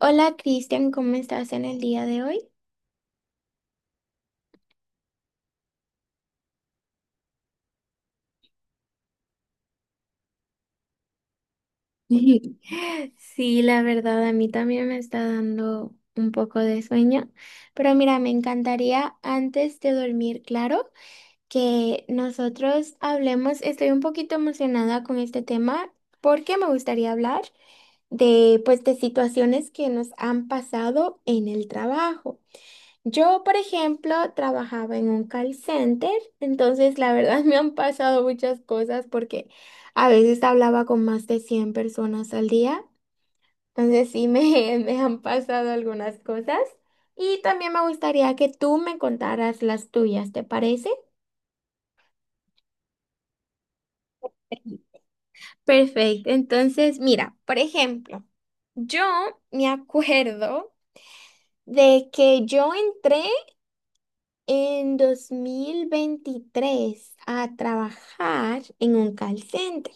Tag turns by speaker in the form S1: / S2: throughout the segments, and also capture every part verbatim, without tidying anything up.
S1: Hola Cristian, ¿cómo estás en el día de hoy? Sí, la verdad, a mí también me está dando un poco de sueño, pero mira, me encantaría antes de dormir, claro, que nosotros hablemos. Estoy un poquito emocionada con este tema porque me gustaría hablar de, pues, de situaciones que nos han pasado en el trabajo. Yo, por ejemplo, trabajaba en un call center, entonces la verdad me han pasado muchas cosas porque a veces hablaba con más de cien personas al día. Entonces sí me, me han pasado algunas cosas y también me gustaría que tú me contaras las tuyas, ¿te parece? Perfecto, entonces mira, por ejemplo, yo me acuerdo de que yo entré en dos mil veintitrés a trabajar en un call center.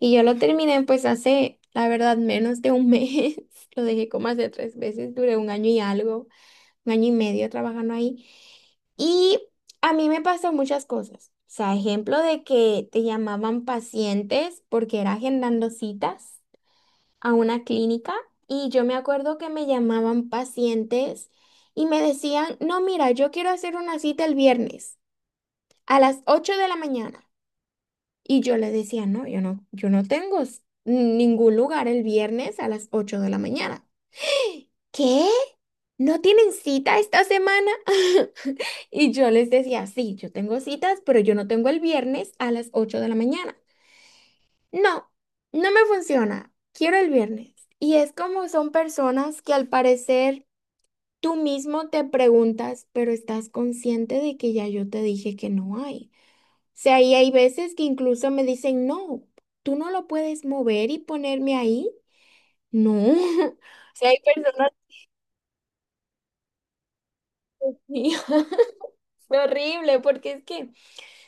S1: Y yo lo terminé pues hace, la verdad, menos de un mes. Lo dejé como hace tres veces, duré un año y algo, un año y medio trabajando ahí. Y a mí me pasó muchas cosas. O sea, ejemplo de que te llamaban pacientes porque era agendando citas a una clínica. Y yo me acuerdo que me llamaban pacientes y me decían, no, mira, yo quiero hacer una cita el viernes a las ocho de la mañana. Y yo le decía, no, yo no, yo no tengo s- ningún lugar el viernes a las ocho de la mañana. ¿Qué? ¿No tienen cita esta semana? Y yo les decía, sí, yo tengo citas, pero yo no tengo el viernes a las ocho de la mañana. No, no me funciona. Quiero el viernes. Y es como son personas que, al parecer, tú mismo te preguntas, pero estás consciente de que ya yo te dije que no hay. Sea, y hay veces que incluso me dicen, no, tú no lo puedes mover y ponerme ahí. No. O sea, hay personas. Sí, fue horrible, porque es que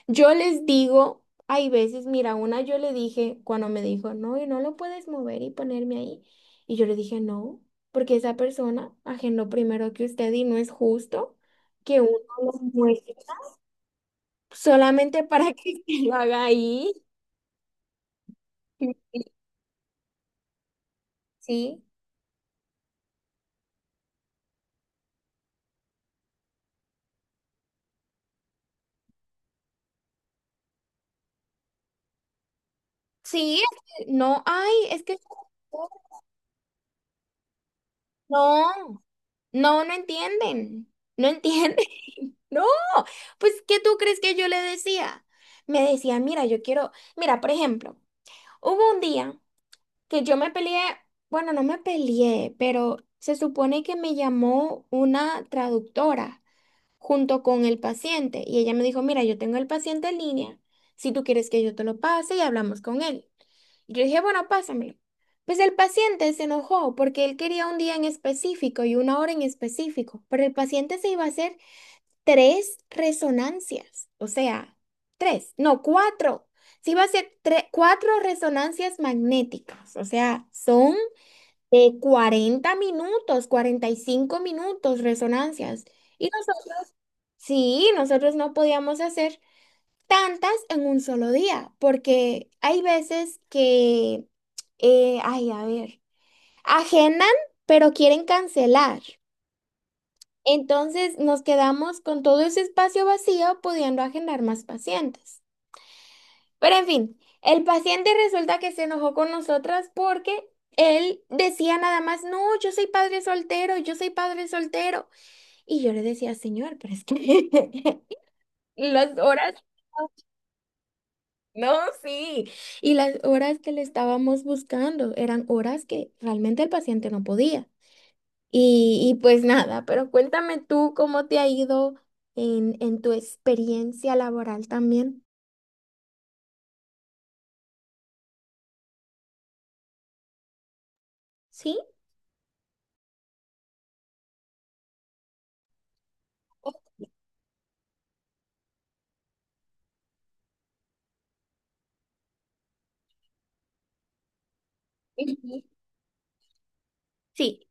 S1: yo les digo, hay veces, mira, una yo le dije cuando me dijo, no, y no lo puedes mover y ponerme ahí. Y yo le dije, no, porque esa persona agendó primero que usted y no es justo que uno lo muestre solamente para que usted lo haga ahí. Sí. Sí, es que no, ay, es que no, no, no entienden, no entienden. No, pues, ¿qué tú crees que yo le decía? Me decía, mira, yo quiero, mira, por ejemplo, hubo un día que yo me peleé, bueno, no me peleé, pero se supone que me llamó una traductora junto con el paciente y ella me dijo, mira, yo tengo el paciente en línea, si tú quieres que yo te lo pase y hablamos con él. Yo dije, bueno, pásamelo. Pues el paciente se enojó porque él quería un día en específico y una hora en específico, pero el paciente se iba a hacer tres resonancias, o sea, tres, no, cuatro. Se iba a hacer tre- cuatro resonancias magnéticas, o sea, son de cuarenta minutos, cuarenta y cinco minutos resonancias. Y nosotros, sí, nosotros no podíamos hacer tantas en un solo día, porque hay veces que, eh, ay, a ver, agendan, pero quieren cancelar. Entonces nos quedamos con todo ese espacio vacío pudiendo agendar más pacientes. Pero en fin, el paciente resulta que se enojó con nosotras porque él decía nada más, no, yo soy padre soltero, yo soy padre soltero. Y yo le decía, señor, pero es que las horas. No, sí. Y las horas que le estábamos buscando eran horas que realmente el paciente no podía. Y, y pues nada, pero cuéntame tú cómo te ha ido en, en tu experiencia laboral también. ¿Sí? Ujú. Sí.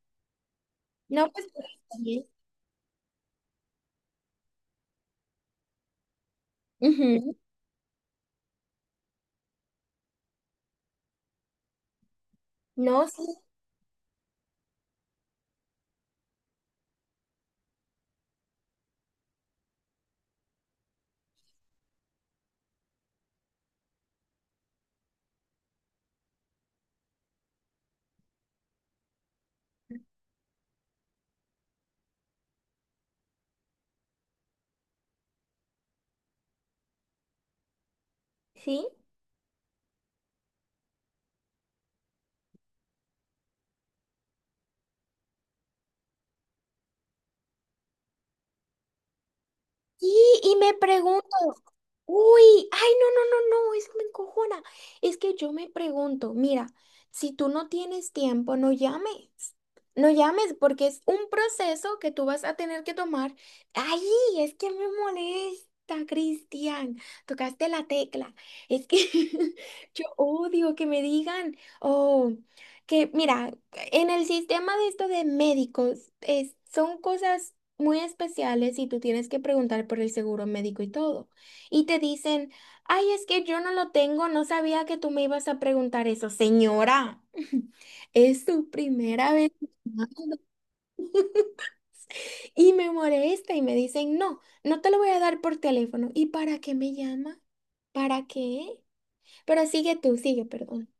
S1: No, pues, está bien. Ujú. No, sí, sí. Y, y me pregunto. Uy, ay, no, no, no, no, eso me encojona. Es que yo me pregunto, mira, si tú no tienes tiempo, no llames. No llames porque es un proceso que tú vas a tener que tomar. Ay, es que me molesta, Cristian. Tocaste la tecla. Es que yo odio que me digan, oh, que mira, en el sistema de esto de médicos, es, son cosas muy especiales y tú tienes que preguntar por el seguro médico y todo, y te dicen, ay, es que yo no lo tengo, no sabía que tú me ibas a preguntar eso, señora. Es tu primera vez, ¿no? Y me molesta y me dicen, no, no te lo voy a dar por teléfono. ¿Y para qué me llama? ¿Para qué? Pero sigue tú, sigue, perdón.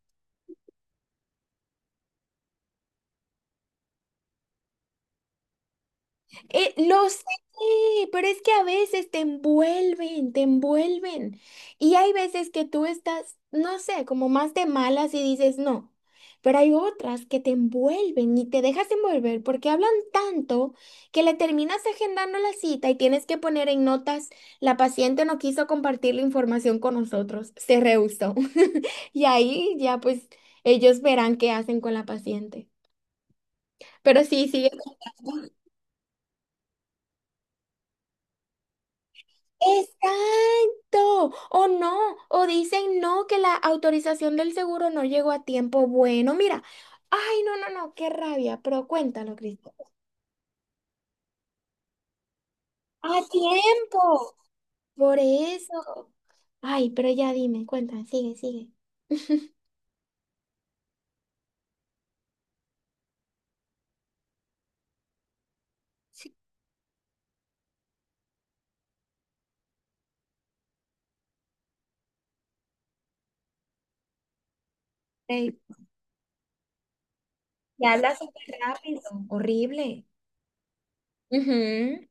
S1: Eh, lo sé, pero es que a veces te envuelven, te envuelven. Y hay veces que tú estás, no sé, como más de malas y dices no. Pero hay otras que te envuelven y te dejas envolver porque hablan tanto que le terminas agendando la cita y tienes que poner en notas, la paciente no quiso compartir la información con nosotros, se rehusó. Y ahí ya pues ellos verán qué hacen con la paciente. Pero sí, sigue. Exacto, o no, o dicen no, que la autorización del seguro no llegó a tiempo. Bueno, mira, ay, no, no, no, qué rabia, pero cuéntalo, Cristo. A tiempo, por eso. Ay, pero ya dime, cuéntame, sigue, sigue. Sí, eh, y habla súper rápido, horrible. Ujú.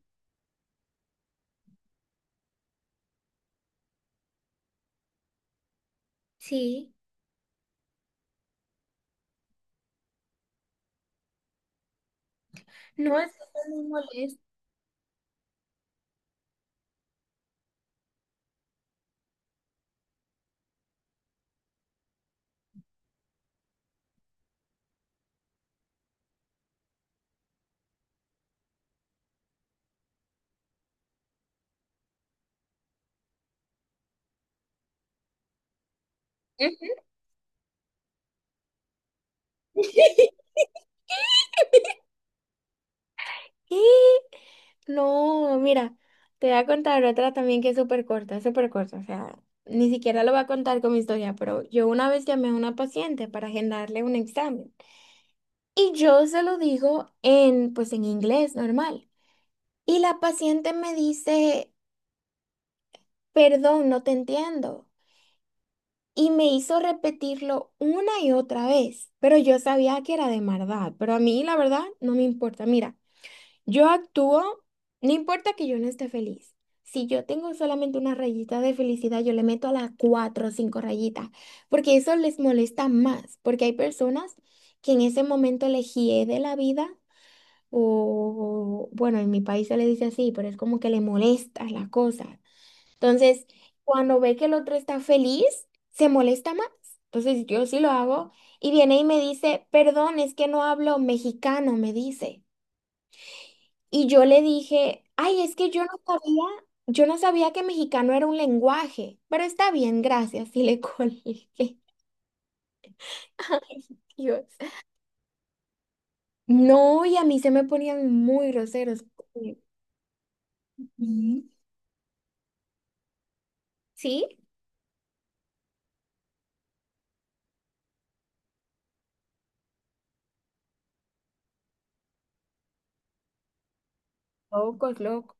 S1: Sí. No, eso es muy molesto. ¿Qué? No, mira, te voy a contar otra también que es súper corta, súper corta. O sea, ni siquiera lo voy a contar con mi historia, pero yo una vez llamé a una paciente para agendarle un examen. Y yo se lo digo en, pues en inglés normal. Y la paciente me dice, perdón, no te entiendo. Y me hizo repetirlo una y otra vez. Pero yo sabía que era de maldad. Pero a mí, la verdad, no me importa. Mira. Yo actúo, no importa que yo no esté feliz. Si yo tengo solamente una rayita de felicidad, yo le meto a las cuatro o cinco rayitas, porque eso les molesta más, porque hay personas que en ese momento les hiede la vida, o bueno, en mi país se le dice así, pero es como que le molesta la cosa. Entonces, cuando ve que el otro está feliz, se molesta más. Entonces, yo sí lo hago y viene y me dice, perdón, es que no hablo mexicano, me dice. Y yo le dije, ay, es que yo no sabía, yo no sabía que mexicano era un lenguaje, pero está bien, gracias, y le colgué. Ay, Dios. No, y a mí se me ponían muy groseros. eh, Sí. Ujú. Sí, locos, locos.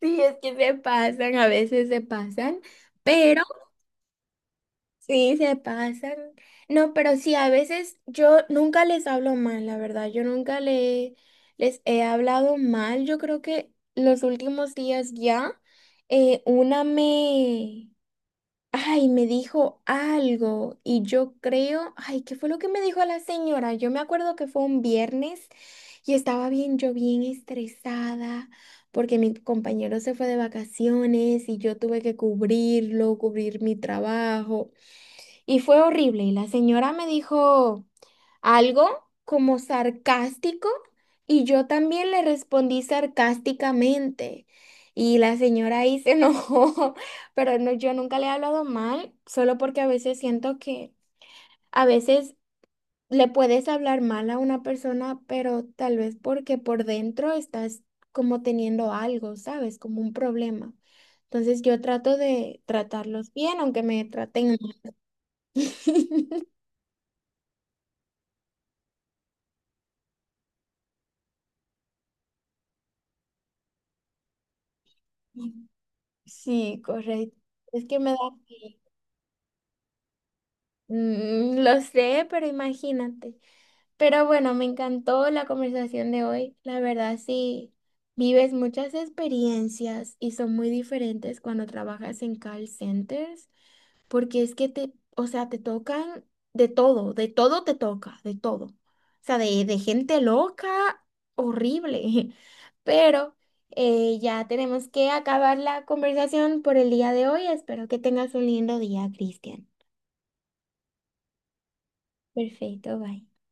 S1: Sí, es que se pasan, a veces se pasan, pero... Sí, se pasan. No, pero sí, a veces yo nunca les hablo mal, la verdad. Yo nunca le, les he hablado mal. Yo creo que los últimos días ya, eh, una me, ay, me dijo algo y yo creo, ay, ¿qué fue lo que me dijo la señora? Yo me acuerdo que fue un viernes y estaba bien, yo bien estresada porque mi compañero se fue de vacaciones y yo tuve que cubrirlo, cubrir mi trabajo. Y fue horrible. Y la señora me dijo algo como sarcástico y yo también le respondí sarcásticamente. Y la señora ahí se enojó. Pero no, yo nunca le he hablado mal, solo porque a veces siento que a veces le puedes hablar mal a una persona, pero tal vez porque por dentro estás como teniendo algo, ¿sabes? Como un problema. Entonces yo trato de tratarlos bien, aunque me traten mal. Sí, correcto. Es que me da... pi- Mm, lo sé, pero imagínate. Pero bueno, me encantó la conversación de hoy. La verdad, sí, vives muchas experiencias y son muy diferentes cuando trabajas en call centers. Porque es que te, o sea, te tocan de todo, de todo te toca, de todo. O sea, de, de gente loca, horrible. Pero eh, ya tenemos que acabar la conversación por el día de hoy. Espero que tengas un lindo día, Cristian. Perfecto, bye.